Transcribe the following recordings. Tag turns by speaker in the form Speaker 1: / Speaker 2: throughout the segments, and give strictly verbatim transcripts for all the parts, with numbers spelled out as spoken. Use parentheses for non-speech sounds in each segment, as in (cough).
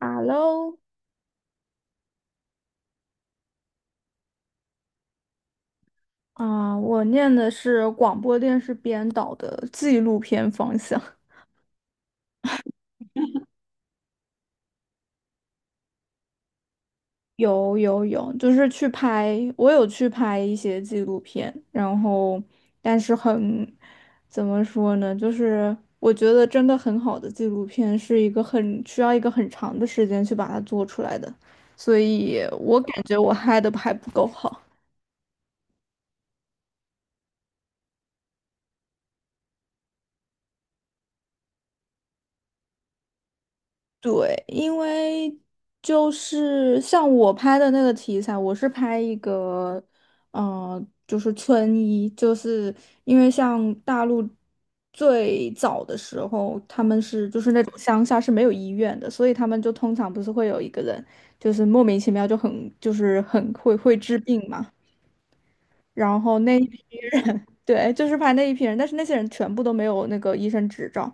Speaker 1: Hello，啊，我念的是广播电视编导的纪录片方向。(laughs) 有有有，就是去拍，我有去拍一些纪录片，然后但是很，怎么说呢？就是我觉得真的很好的纪录片是一个很需要一个很长的时间去把它做出来的，所以我感觉我拍的还不够好。对，因为就是像我拍的那个题材，我是拍一个，嗯，就是村医，就是因为像大陆最早的时候，他们是就是那种乡下是没有医院的，所以他们就通常不是会有一个人，就是莫名其妙就很就是很会会治病嘛，然后那。对，就是拍那一批人，但是那些人全部都没有那个医生执照。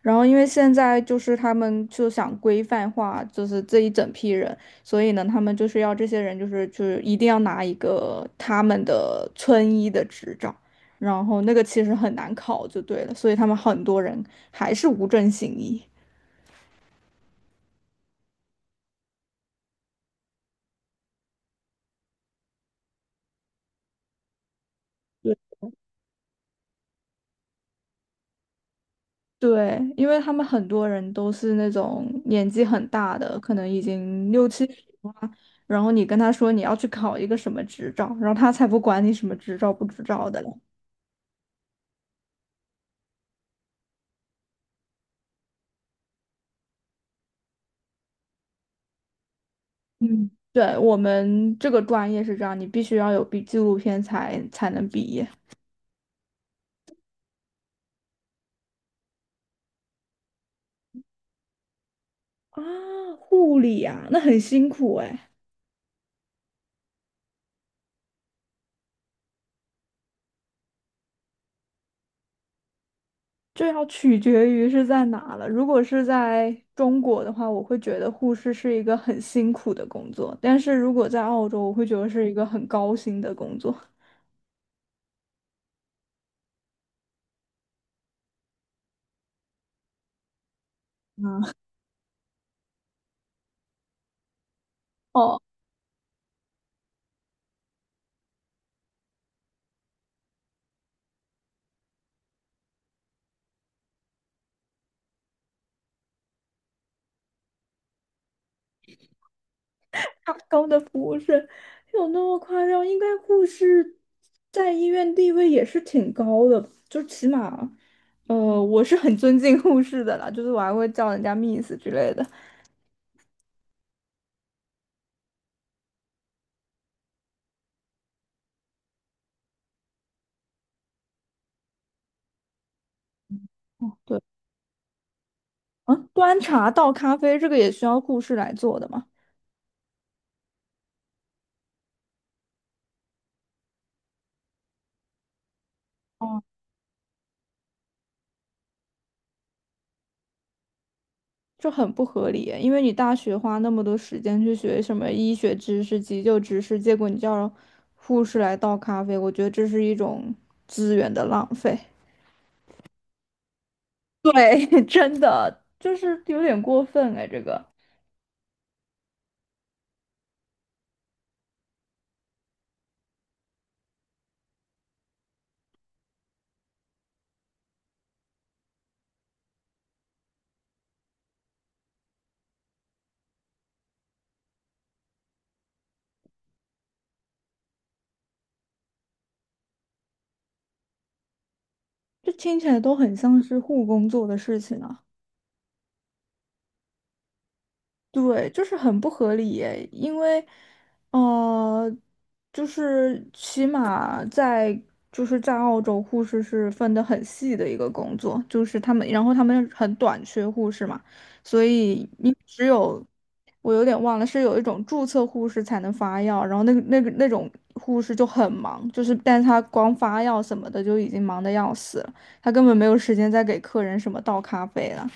Speaker 1: 然后因为现在就是他们就想规范化，就是这一整批人，所以呢，他们就是要这些人就是就是一定要拿一个他们的村医的执照，然后那个其实很难考就对了，所以他们很多人还是无证行医。对，因为他们很多人都是那种年纪很大的，可能已经六七十了啊，然后你跟他说你要去考一个什么执照，然后他才不管你什么执照不执照的嘞。嗯，对，我们这个专业是这样，你必须要有毕纪录片才才能毕业。啊，护理啊，那很辛苦哎。这要取决于是在哪了。如果是在中国的话，我会觉得护士是一个很辛苦的工作；但是如果在澳洲，我会觉得是一个很高薪的工作。(laughs) 哦，他高的服务是有那么夸张？应该护士在医院地位也是挺高的，就起码，呃，我是很尊敬护士的啦，就是我还会叫人家 Miss 之类的。哦，对，嗯，端茶倒咖啡这个也需要护士来做的嘛？哦。这很不合理，因为你大学花那么多时间去学什么医学知识、急救知识，结果你叫护士来倒咖啡，我觉得这是一种资源的浪费。对，(laughs) 真的就是有点过分哎，这个这听起来都很像是护工做的事情啊。对，就是很不合理耶，因为，呃，就是起码在就是在澳洲，护士是分得很细的一个工作，就是他们，然后他们很短缺护士嘛，所以你只有我有点忘了，是有一种注册护士才能发药，然后那个那个那种护士就很忙，就是但他光发药什么的就已经忙得要死了，他根本没有时间再给客人什么倒咖啡了。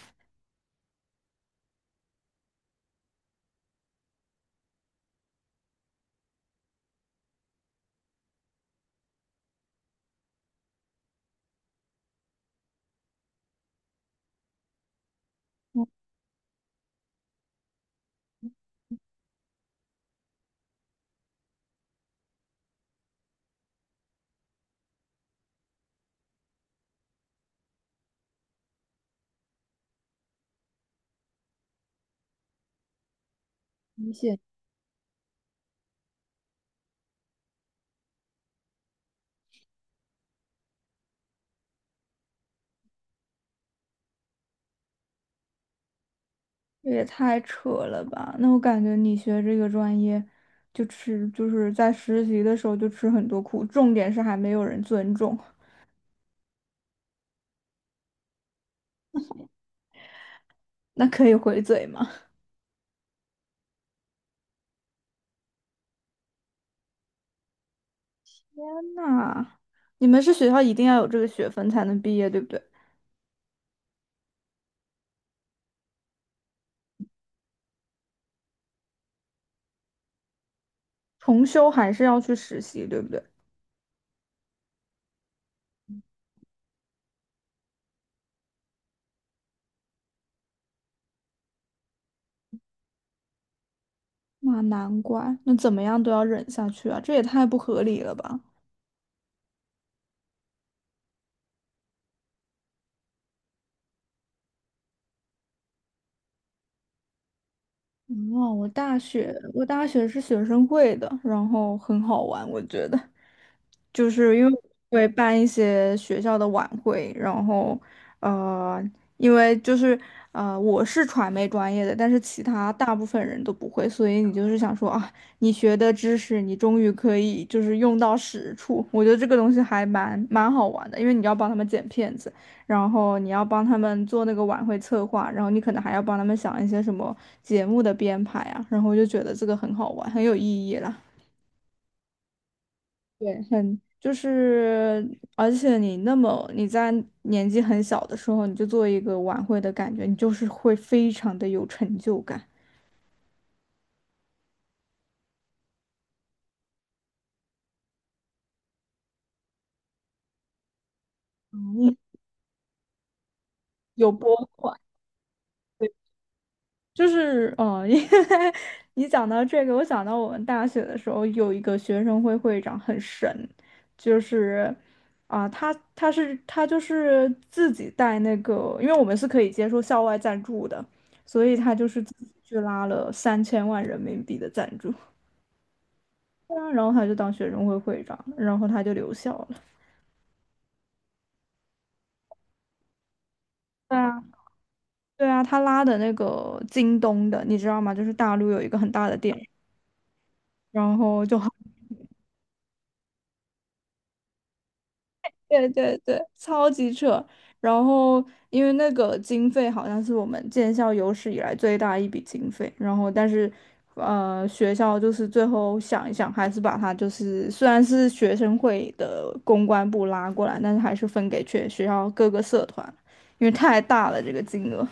Speaker 1: 明显这也太扯了吧！那我感觉你学这个专业，就吃就是在实习的时候就吃很多苦，重点是还没有人尊重，那可以回嘴吗？(laughs) 那你们是学校一定要有这个学分才能毕业，对不对？重修还是要去实习，对不对？那难怪，那怎么样都要忍下去啊，这也太不合理了吧！哦，我大学我大学是学生会的，然后很好玩，我觉得。就是因为我会办一些学校的晚会，然后呃，因为就是呃，我是传媒专业的，但是其他大部分人都不会，所以你就是想说啊，你学的知识你终于可以就是用到实处，我觉得这个东西还蛮蛮好玩的，因为你要帮他们剪片子，然后你要帮他们做那个晚会策划，然后你可能还要帮他们想一些什么节目的编排啊，然后我就觉得这个很好玩，很有意义啦。对，很就是，而且你那么你在年纪很小的时候，你就做一个晚会的感觉，你就是会非常的有成就感，嗯，有拨款。对，就是哦，因为 (laughs) 你讲到这个，我想到我们大学的时候有一个学生会会长很神，就是啊、他他是他就是自己带那个，因为我们是可以接受校外赞助的，所以他就是自己去拉了三千万人民币的赞助。对啊，然后他就当学生会会长，然后他就留校了。对啊，对啊，他拉的那个京东的，你知道吗？就是大陆有一个很大的店，然后就很，(laughs) 对对对，超级扯。然后因为那个经费好像是我们建校有史以来最大一笔经费，然后但是，呃，学校就是最后想一想，还是把它就是虽然是学生会的公关部拉过来，但是还是分给全学校各个社团，因为太大了这个金额。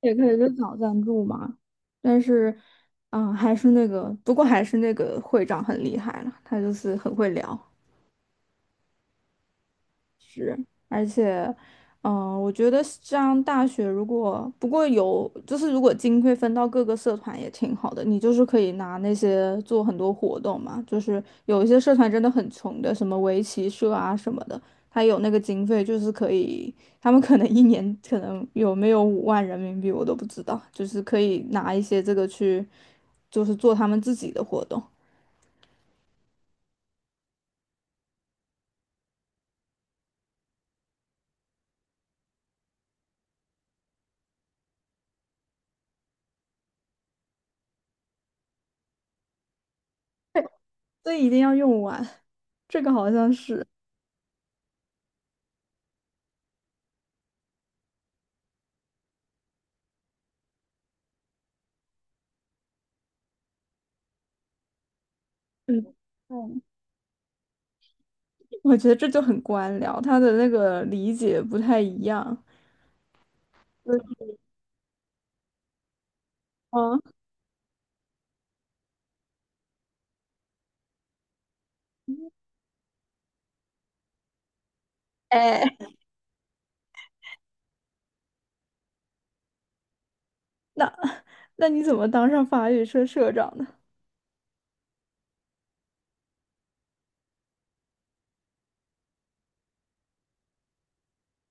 Speaker 1: 也可以去找赞助嘛。但是，嗯，还是那个，不过还是那个会长很厉害了，他就是很会聊。值而且，嗯、我觉得上大学如果不过有，就是如果经费分到各个社团也挺好的，你就是可以拿那些做很多活动嘛。就是有一些社团真的很穷的，什么围棋社啊什么的，他有那个经费，就是可以，他们可能一年可能有没有五万人民币我都不知道，就是可以拿一些这个去，就是做他们自己的活动，所以一定要用完，这个好像是。嗯。我觉得这就很官僚，他的那个理解不太一样。嗯，哦，哎，那那你怎么当上法语社社长的？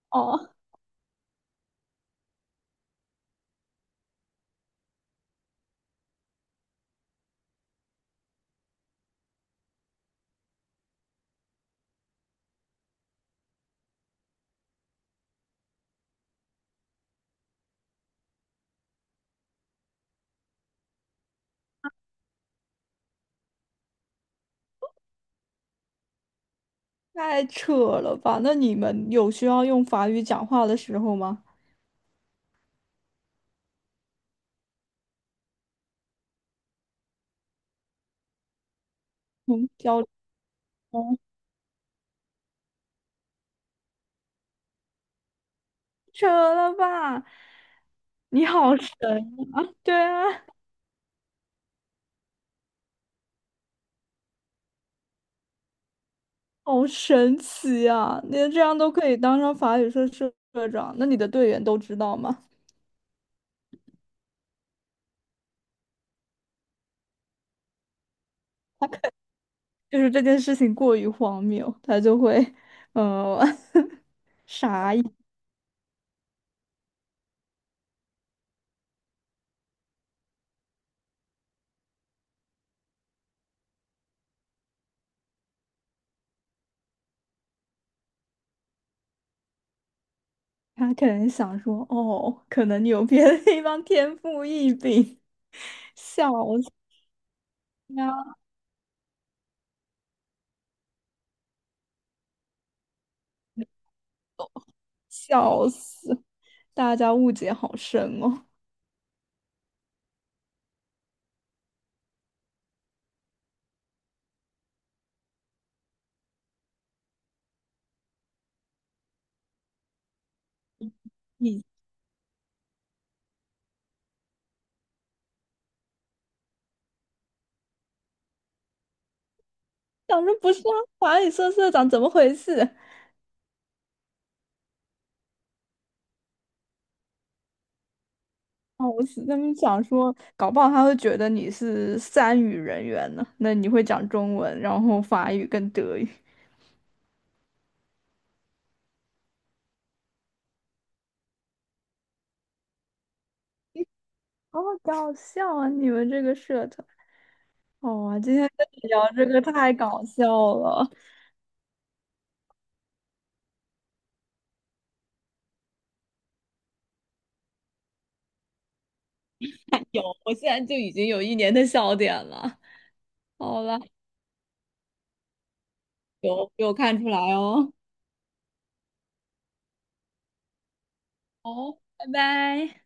Speaker 1: 哦，太扯了吧！那你们有需要用法语讲话的时候吗？嗯，交流吗扯了吧！你好神，对啊，好神奇啊！你这样都可以当上法语社社社长，那你的队员都知道吗？就是这件事情过于荒谬，他就会，呃，(laughs) 傻。他可能想说，哦，可能你有别的地方天赋异禀，(laughs) 笑死啊！笑死！大家误解好深哦。你想说不是啊，法语社社长怎么回事？哦，我是他们想说，搞不好他会觉得你是三语人员呢。那你会讲中文，然后法语跟德语，好搞笑啊！你们这个社团，哦，今天跟你聊这个太搞笑了，有，我现在就已经有一年的笑点了。好了，有有看出来哦。好，拜拜。